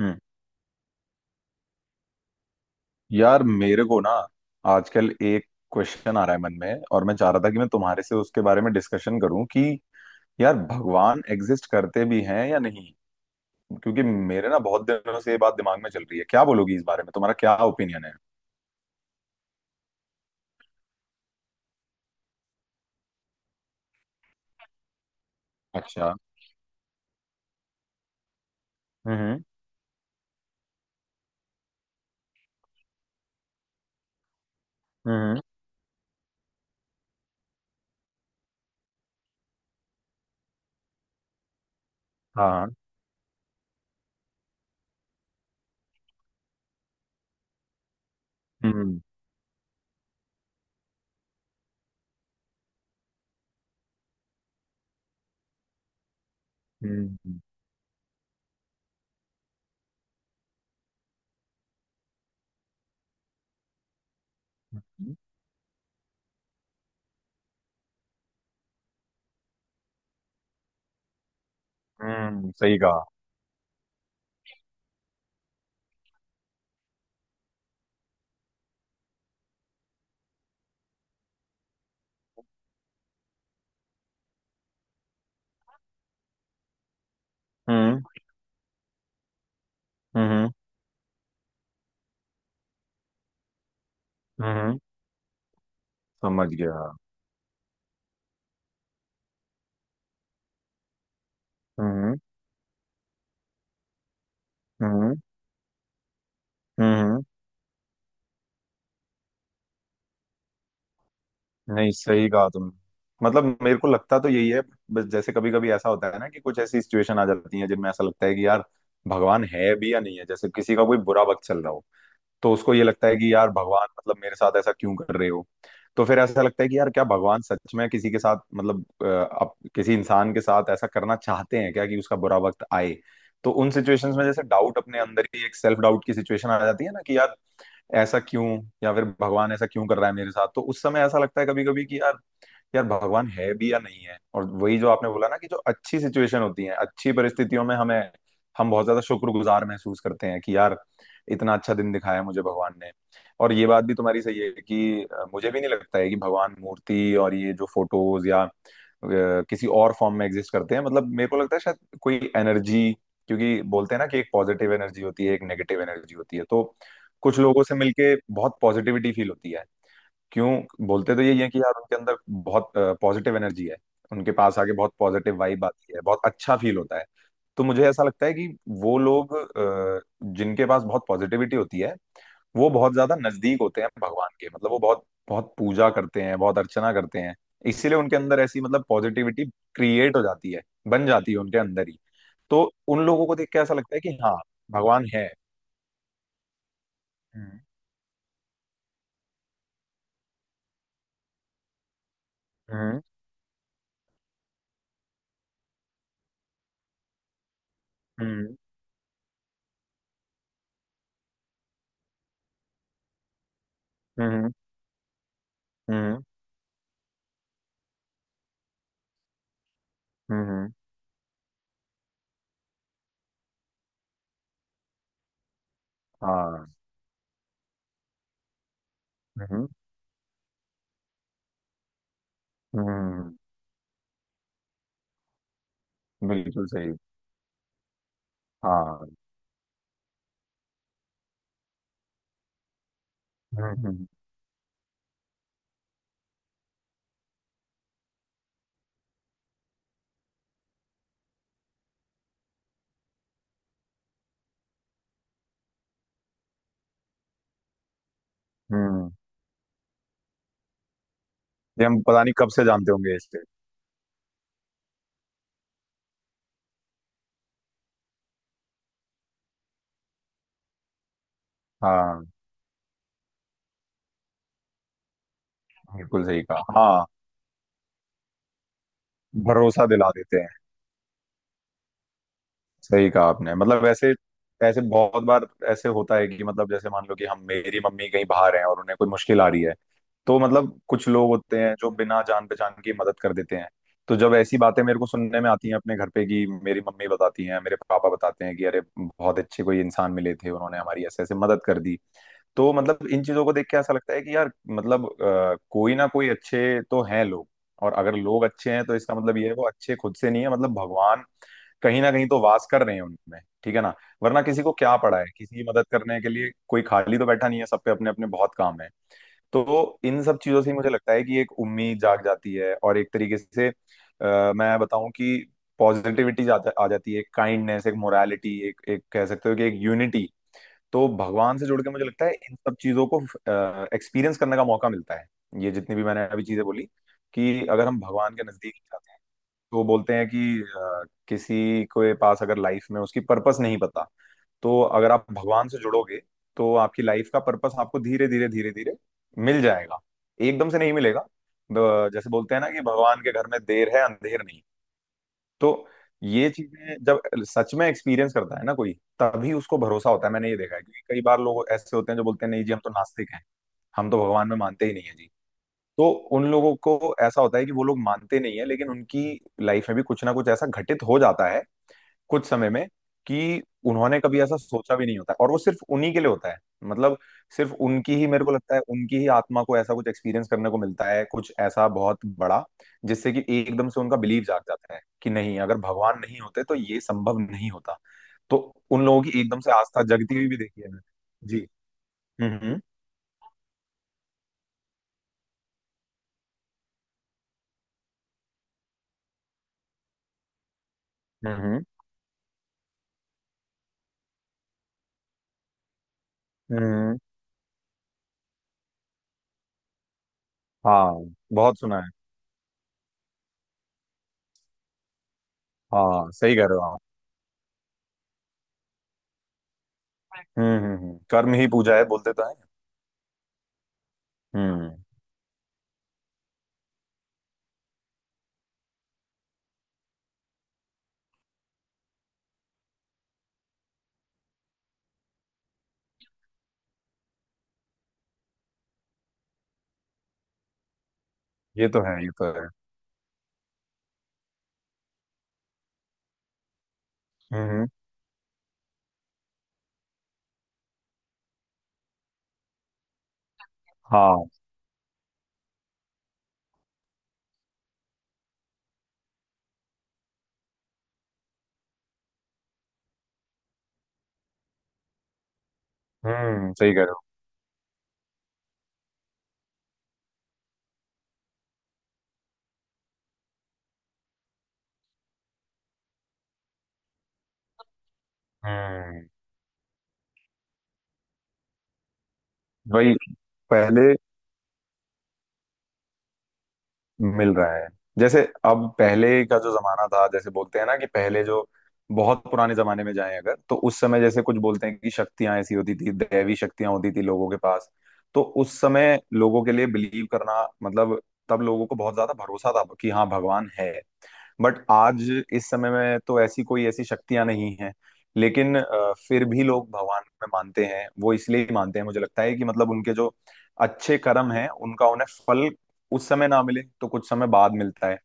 हम्म। यार, मेरे को ना, आजकल एक क्वेश्चन आ रहा है मन में, और मैं चाह रहा था कि मैं तुम्हारे से उसके बारे में डिस्कशन करूं कि यार, भगवान एग्जिस्ट करते भी हैं या नहीं। क्योंकि मेरे ना बहुत दिनों से ये बात दिमाग में चल रही है। क्या बोलोगी इस बारे में, तुम्हारा क्या ओपिनियन है? अच्छा। हम्म। हम्म। हाँ। हम्म। हम्म। हम्म। सही कहा। हम्म। हम्म। हम्म। समझ गया। हम्म। हम्म। हम्म। नहीं, सही कहा तुमने। मतलब मेरे को लगता तो यही है। बस जैसे कभी कभी ऐसा होता है ना कि कुछ ऐसी सिचुएशन आ जाती है जिनमें ऐसा लगता है कि यार, भगवान है भी या नहीं है। जैसे किसी का कोई बुरा वक्त चल रहा हो तो उसको ये लगता है कि यार भगवान, मतलब मेरे साथ ऐसा क्यों कर रहे हो? तो फिर ऐसा लगता है कि यार, क्या भगवान सच में किसी के साथ, मतलब किसी इंसान के साथ ऐसा करना चाहते हैं क्या कि उसका बुरा वक्त आए? तो उन सिचुएशंस में, जैसे डाउट, अपने अंदर ही एक सेल्फ डाउट की सिचुएशन आ जाती है ना कि यार, ऐसा क्यों? या फिर भगवान ऐसा क्यों कर रहा है मेरे साथ? तो उस समय ऐसा लगता है कभी कभी कि यार यार भगवान है भी या नहीं है। और वही जो आपने बोला ना कि जो अच्छी सिचुएशन होती है, अच्छी परिस्थितियों में हमें, हम बहुत ज्यादा शुक्रगुजार महसूस करते हैं कि यार, इतना अच्छा दिन दिखाया मुझे भगवान ने। और ये बात भी तुम्हारी सही है कि मुझे भी नहीं लगता है कि भगवान मूर्ति और ये जो फोटोज या किसी और फॉर्म में एग्जिस्ट करते हैं। मतलब मेरे को लगता है शायद कोई एनर्जी, क्योंकि बोलते हैं ना कि एक पॉजिटिव एनर्जी होती है, एक नेगेटिव एनर्जी होती है। तो कुछ लोगों से मिलके बहुत पॉजिटिविटी फील होती है। क्यों? बोलते तो यही है कि यार उनके अंदर बहुत पॉजिटिव एनर्जी है। उनके पास आके बहुत पॉजिटिव वाइब आती है, बहुत अच्छा फील होता है। तो मुझे ऐसा लगता है कि वो लोग जिनके पास बहुत पॉजिटिविटी होती है, वो बहुत ज्यादा नजदीक होते हैं भगवान के। मतलब वो बहुत बहुत पूजा करते हैं, बहुत अर्चना करते हैं, इसीलिए उनके अंदर ऐसी, मतलब पॉजिटिविटी क्रिएट हो जाती है, बन जाती है उनके अंदर ही। तो उन लोगों को देख के ऐसा लगता है कि हाँ, भगवान है। हम्म। हम्म। हम्म। हम्म। हम्म। हम्म, हाँ। हम्म। बिल्कुल सही। हाँ। हम्म। हम्म। हम्म। ये हम पता नहीं कब से जानते होंगे इससे। हाँ, बिल्कुल सही कहा। हाँ, भरोसा दिला देते हैं। सही कहा आपने। मतलब ऐसे, ऐसे बहुत बार ऐसे होता है कि मतलब जैसे मान लो कि हम, मेरी मम्मी कहीं बाहर हैं और उन्हें कोई मुश्किल आ रही है। तो मतलब कुछ लोग होते हैं जो बिना जान पहचान की मदद कर देते हैं। तो जब ऐसी बातें मेरे को सुनने में आती हैं अपने घर पे, कि मेरी मम्मी बताती हैं, मेरे पापा बताते हैं कि अरे, बहुत अच्छे कोई इंसान मिले थे, उन्होंने हमारी ऐसे ऐसे मदद कर दी। तो मतलब इन चीजों को देख के ऐसा लगता है कि यार, मतलब कोई ना कोई अच्छे तो हैं लोग। और अगर लोग अच्छे हैं तो इसका मतलब ये है वो अच्छे खुद से नहीं है, मतलब भगवान कहीं ना कहीं तो वास कर रहे हैं उनमें। ठीक है ना? वरना किसी को क्या पड़ा है किसी की मदद करने के लिए? कोई खाली तो बैठा नहीं है, सब पे अपने अपने बहुत काम है। तो इन सब चीजों से ही मुझे लगता है कि एक उम्मीद जाग जाती है, और एक तरीके से मैं बताऊं कि पॉजिटिविटी जाता आ जाती है, काइंडनेस, एक मोरालिटी, एक एक कह सकते हो कि एक यूनिटी। तो भगवान से जुड़ के मुझे लगता है इन सब चीजों को एक्सपीरियंस करने का मौका मिलता है। ये जितनी भी मैंने अभी चीजें बोली, कि अगर हम भगवान के नजदीक जाते हैं तो बोलते हैं कि किसी के पास अगर लाइफ में उसकी पर्पस नहीं पता, तो अगर आप भगवान से जुड़ोगे तो आपकी लाइफ का पर्पस आपको धीरे धीरे धीरे धीरे मिल जाएगा। एकदम से नहीं मिलेगा। जैसे बोलते हैं ना कि भगवान के घर में देर है, अंधेर नहीं। तो ये चीजें जब सच में एक्सपीरियंस करता है ना कोई, तभी उसको भरोसा होता है। मैंने ये देखा है, क्योंकि कई बार लोग ऐसे होते हैं जो बोलते हैं नहीं जी, हम तो नास्तिक हैं, हम तो भगवान में मानते ही नहीं है जी। तो उन लोगों को, ऐसा होता है कि वो लोग मानते नहीं है, लेकिन उनकी लाइफ में भी कुछ ना कुछ ऐसा घटित हो जाता है कुछ समय में, कि उन्होंने कभी ऐसा सोचा भी नहीं होता है। और वो सिर्फ उन्हीं के लिए होता है, मतलब सिर्फ उनकी ही, मेरे को लगता है उनकी ही आत्मा को ऐसा कुछ एक्सपीरियंस करने को मिलता है, कुछ ऐसा बहुत बड़ा, जिससे कि एकदम से उनका बिलीव जाग जाता है कि नहीं, अगर भगवान नहीं होते तो ये संभव नहीं होता। तो उन लोगों की एकदम से आस्था जगती हुई भी देखी है मैंने जी। हम्म। हम्म। हम्म। हम्म। हम्म, हम्म। हाँ। बहुत सुना है। हाँ, सही कह रहे हो आप। हम्म। हम्म। हम्म। कर्म ही पूजा है, बोलते तो है। हम्म। ये तो है, ये तो है। हम्म। हाँ। हम्म, सही कह रहे हो। हम्म। वही पहले मिल रहा है। जैसे अब पहले का जो जमाना था, जैसे बोलते हैं ना कि पहले जो बहुत पुराने जमाने में जाएं अगर, तो उस समय जैसे कुछ बोलते हैं कि शक्तियां ऐसी होती थी, दैवी शक्तियां होती थी लोगों के पास। तो उस समय लोगों के लिए बिलीव करना, मतलब तब लोगों को बहुत ज्यादा भरोसा था कि हाँ, भगवान है। बट आज इस समय में तो ऐसी कोई ऐसी शक्तियां नहीं हैं। लेकिन फिर भी लोग भगवान में मानते हैं, वो इसलिए ही मानते हैं, मुझे लगता है कि मतलब उनके जो अच्छे कर्म हैं उनका उन्हें फल उस समय ना मिले तो कुछ समय बाद मिलता है।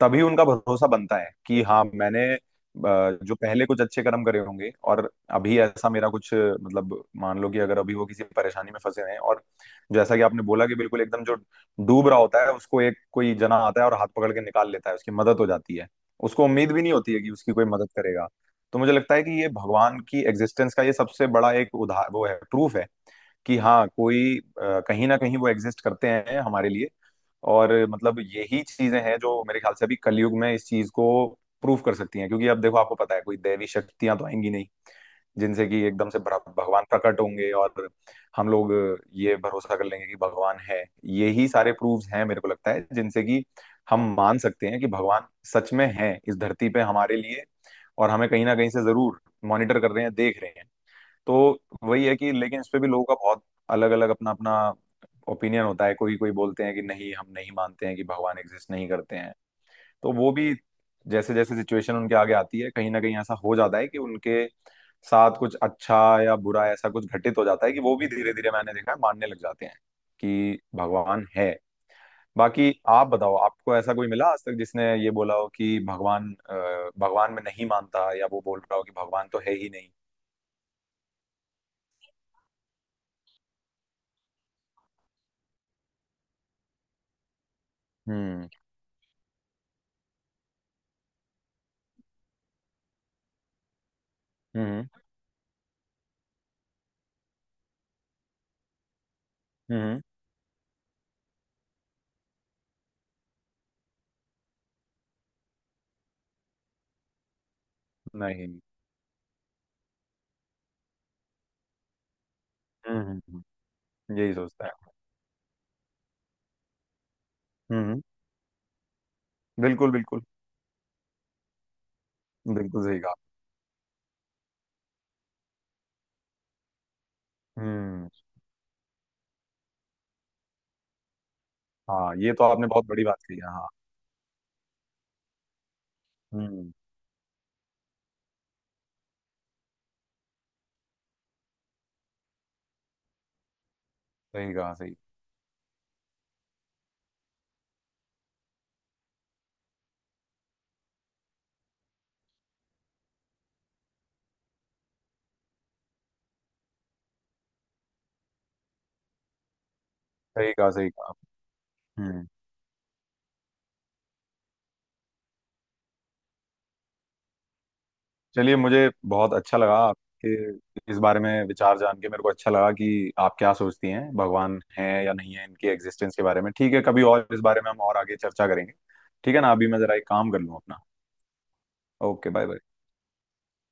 तभी उनका भरोसा बनता है कि हाँ, मैंने जो पहले कुछ अच्छे कर्म करे होंगे, और अभी ऐसा मेरा कुछ, मतलब मान लो कि अगर अभी वो किसी परेशानी में फंसे हैं और जैसा कि आपने बोला कि बिल्कुल एकदम जो डूब रहा होता है उसको एक कोई जना आता है और हाथ पकड़ के निकाल लेता है, उसकी मदद हो जाती है। उसको उम्मीद भी नहीं होती है कि उसकी कोई मदद करेगा। तो मुझे लगता है कि ये भगवान की एग्जिस्टेंस का ये सबसे बड़ा एक उदाह वो है प्रूफ है कि हाँ, कोई कहीं ना कहीं वो एग्जिस्ट करते हैं हमारे लिए। और मतलब यही चीजें हैं जो मेरे ख्याल से अभी कलयुग में इस चीज को प्रूफ कर सकती हैं, क्योंकि अब देखो, आपको पता है, कोई दैवी शक्तियां तो आएंगी नहीं जिनसे कि एकदम से भगवान प्रकट होंगे और हम लोग ये भरोसा कर लेंगे कि भगवान है। यही सारे प्रूफ्स हैं मेरे को लगता है, जिनसे कि हम मान सकते हैं कि भगवान सच में है इस धरती पे हमारे लिए, और हमें कहीं ना कहीं से जरूर मॉनिटर कर रहे हैं, देख रहे हैं। तो वही है कि, लेकिन इस पे भी लोगों का बहुत अलग अलग अपना अपना ओपिनियन होता है। कोई कोई बोलते हैं कि नहीं, हम नहीं मानते हैं कि भगवान एग्जिस्ट नहीं करते हैं। तो वो भी जैसे जैसे सिचुएशन उनके आगे आती है, कहीं ना कहीं ऐसा हो जाता है कि उनके साथ कुछ अच्छा या बुरा, ऐसा कुछ घटित हो जाता है कि वो भी धीरे धीरे, मैंने देखा है, मानने लग जाते हैं कि भगवान है। बाकी आप बताओ, आपको ऐसा कोई मिला आज तक जिसने ये बोला हो कि भगवान में नहीं मानता, या वो बोल रहा हो कि भगवान तो है ही नहीं? हम्म। हम्म। हम्म। नहीं। हम्म। हम्म। यही सोचता है। हम्म। बिल्कुल बिल्कुल। बिल्कुल सही कहा। हम्म। हाँ, ये तो आपने बहुत बड़ी बात कही है। हाँ। हम्म। सही कहा, सही। सही कहा, सही कहा। हम्म। चलिए, मुझे बहुत अच्छा लगा आपके इस बारे में विचार जान के। मेरे को अच्छा लगा कि आप क्या सोचती हैं भगवान है या नहीं है, इनकी एग्जिस्टेंस के बारे में। ठीक है, कभी और इस बारे में हम और आगे चर्चा करेंगे। ठीक है ना? अभी मैं जरा एक काम कर लूँ अपना। Okay, bye bye.